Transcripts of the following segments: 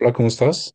Hola, ¿cómo estás?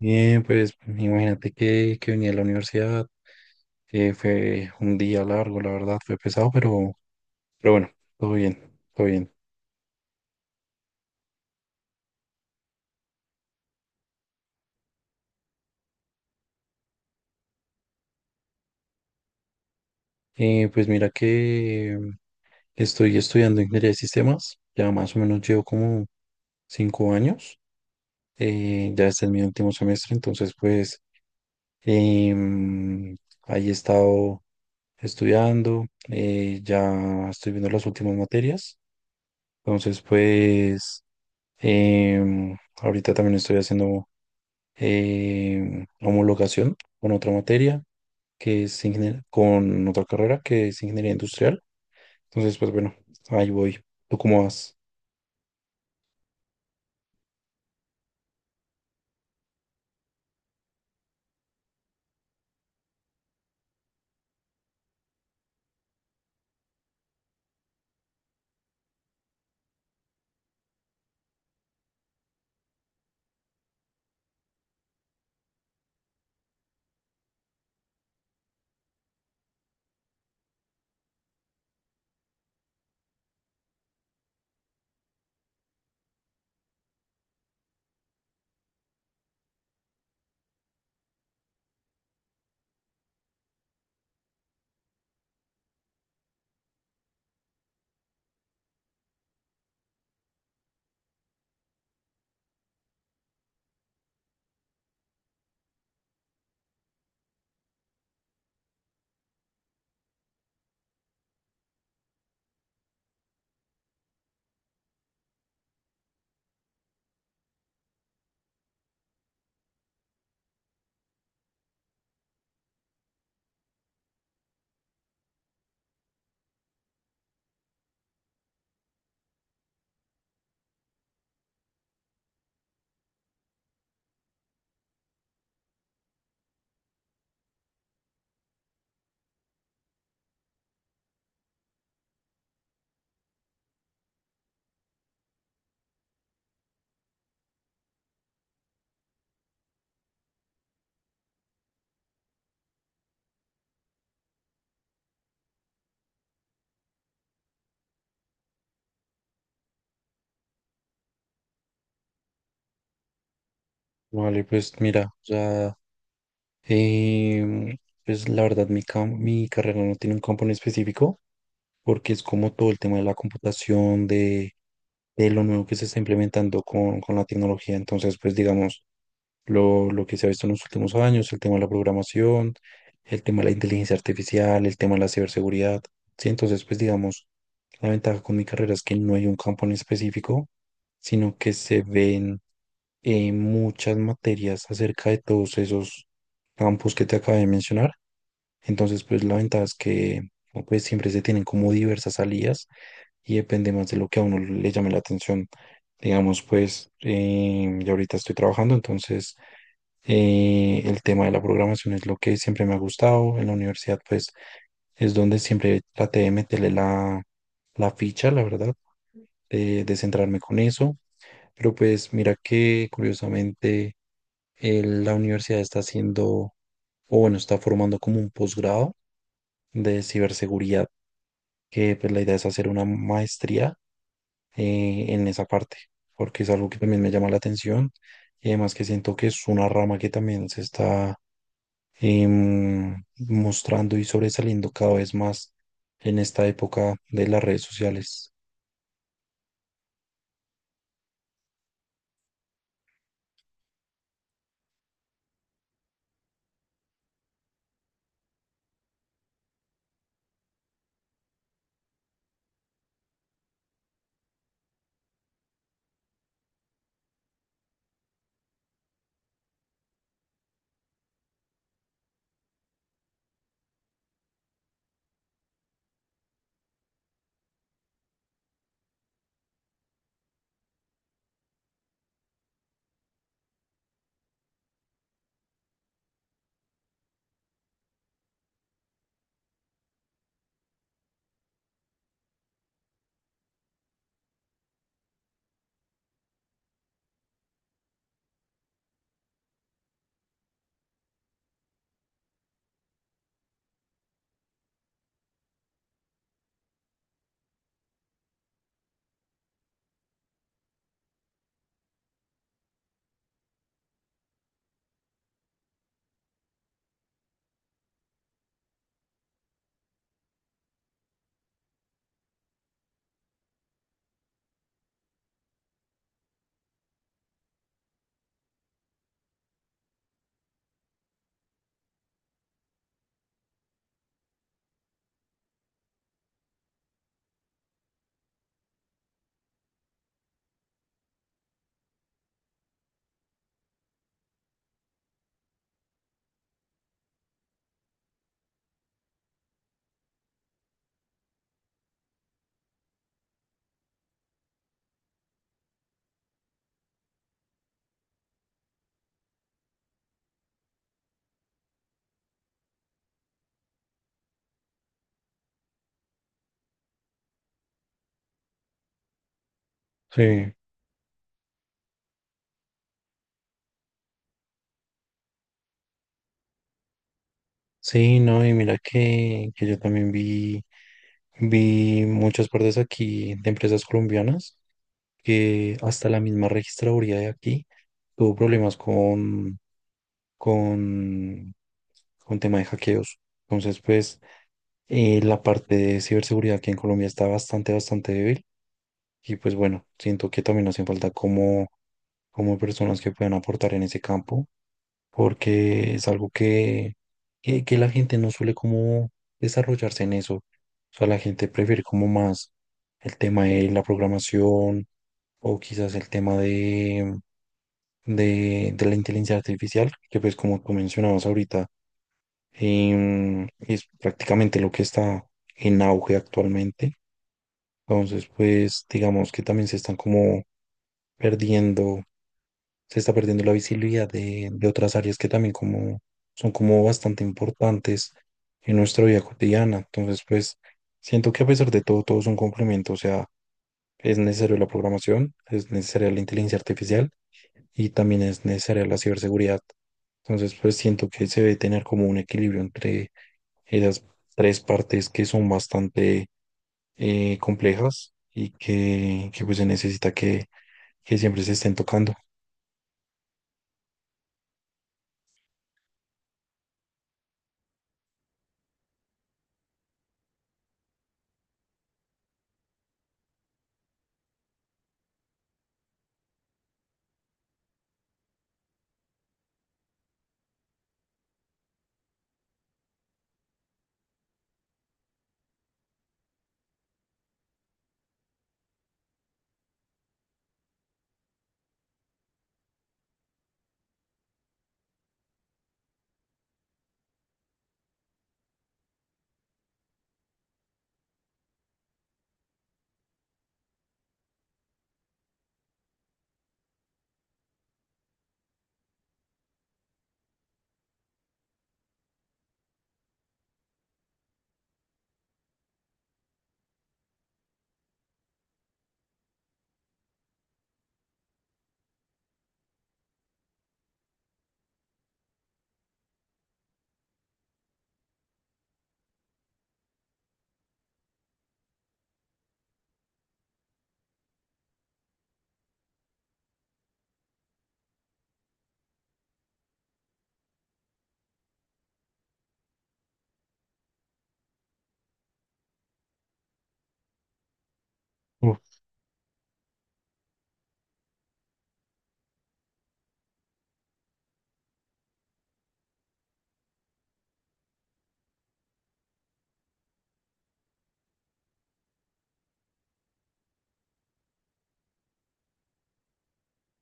Bien, pues imagínate que venía a la universidad, fue un día largo, la verdad, fue pesado, pero bueno, todo bien, todo bien. Pues mira que estoy estudiando ingeniería de sistemas, ya más o menos llevo como cinco años, ya este es mi último semestre, entonces pues em, ahí he estado estudiando, ya estoy viendo las últimas materias, entonces pues... Em, Ahorita también estoy haciendo homologación con otra materia que es con otra carrera que es ingeniería industrial. Entonces, pues bueno, ahí voy. ¿Tú cómo vas? Vale, pues mira, ya, em, pues la verdad, mi carrera no tiene un campo en específico porque es como todo el tema de la computación, de lo nuevo que se está implementando con la tecnología. Entonces, pues digamos, lo que se ha visto en los últimos años, el tema de la programación, el tema de la inteligencia artificial, el tema de la ciberseguridad. Sí, entonces, pues digamos, la ventaja con mi carrera es que no hay un campo en específico, sino que se ven muchas materias acerca de todos esos campos que te acabé de mencionar. Entonces, pues la ventaja es que pues siempre se tienen como diversas salidas y depende más de lo que a uno le llame la atención. Digamos, pues yo ahorita estoy trabajando, entonces el tema de la programación es lo que siempre me ha gustado. En la universidad, pues, es donde siempre traté de meterle la, la ficha, la verdad, de centrarme con eso. Pero pues, mira que curiosamente la universidad está haciendo, o bueno, está formando como un posgrado de ciberseguridad, que pues la idea es hacer una maestría en esa parte, porque es algo que también me llama la atención. Y además que siento que es una rama que también se está em, mostrando y sobresaliendo cada vez más en esta época de las redes sociales. Sí. Sí, no, y mira que yo también vi muchas partes aquí de empresas colombianas que hasta la misma registraduría de aquí tuvo problemas con, con tema de hackeos. Entonces, pues, la parte de ciberseguridad aquí en Colombia está bastante, bastante débil. Y pues bueno, siento que también hacen falta como, como personas que puedan aportar en ese campo, porque es algo que la gente no suele como desarrollarse en eso. O sea, la gente prefiere como más el tema de la programación o quizás el tema de la inteligencia artificial, que pues como tú mencionabas ahorita, es prácticamente lo que está en auge actualmente. Entonces, pues digamos que también se están como perdiendo se está perdiendo la visibilidad de otras áreas que también como son como bastante importantes en nuestra vida cotidiana. Entonces, pues siento que a pesar de todo, todo es un complemento, o sea, es necesario la programación, es necesaria la inteligencia artificial y también es necesaria la ciberseguridad. Entonces, pues siento que se debe tener como un equilibrio entre esas tres partes que son bastante complejas y pues se necesita que siempre se estén tocando.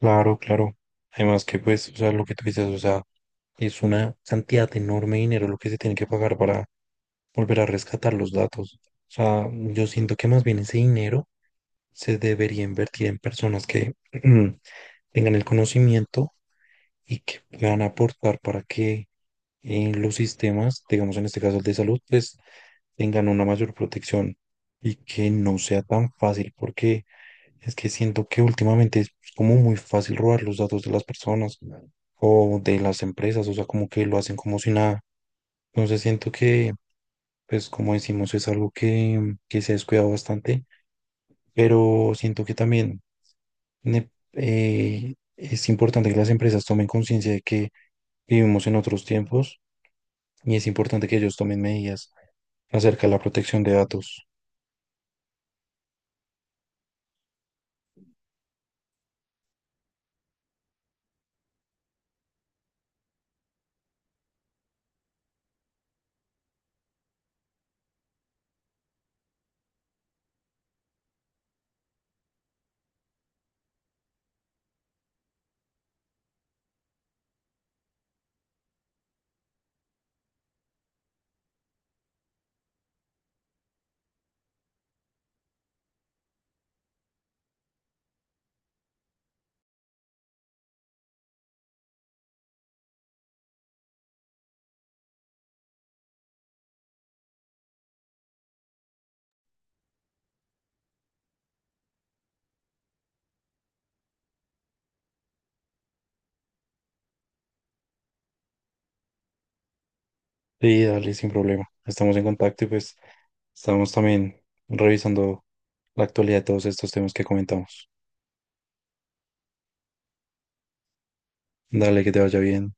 Claro, claro. Además que pues, o sea, lo que tú dices, o sea, es una cantidad enorme de dinero lo que se tiene que pagar para volver a rescatar los datos. O sea, yo siento que más bien ese dinero se debería invertir en personas que tengan el conocimiento y que puedan aportar para que los sistemas, digamos en este caso el de salud, pues tengan una mayor protección y que no sea tan fácil porque es que siento que últimamente es como muy fácil robar los datos de las personas o de las empresas, o sea, como que lo hacen como si nada. Entonces siento que, pues como decimos, es algo que se ha descuidado bastante, pero siento que también es importante que las empresas tomen conciencia de que vivimos en otros tiempos y es importante que ellos tomen medidas acerca de la protección de datos. Sí, dale, sin problema. Estamos en contacto y pues... Estamos también revisando la actualidad de todos estos temas que comentamos. Dale, que te vaya bien.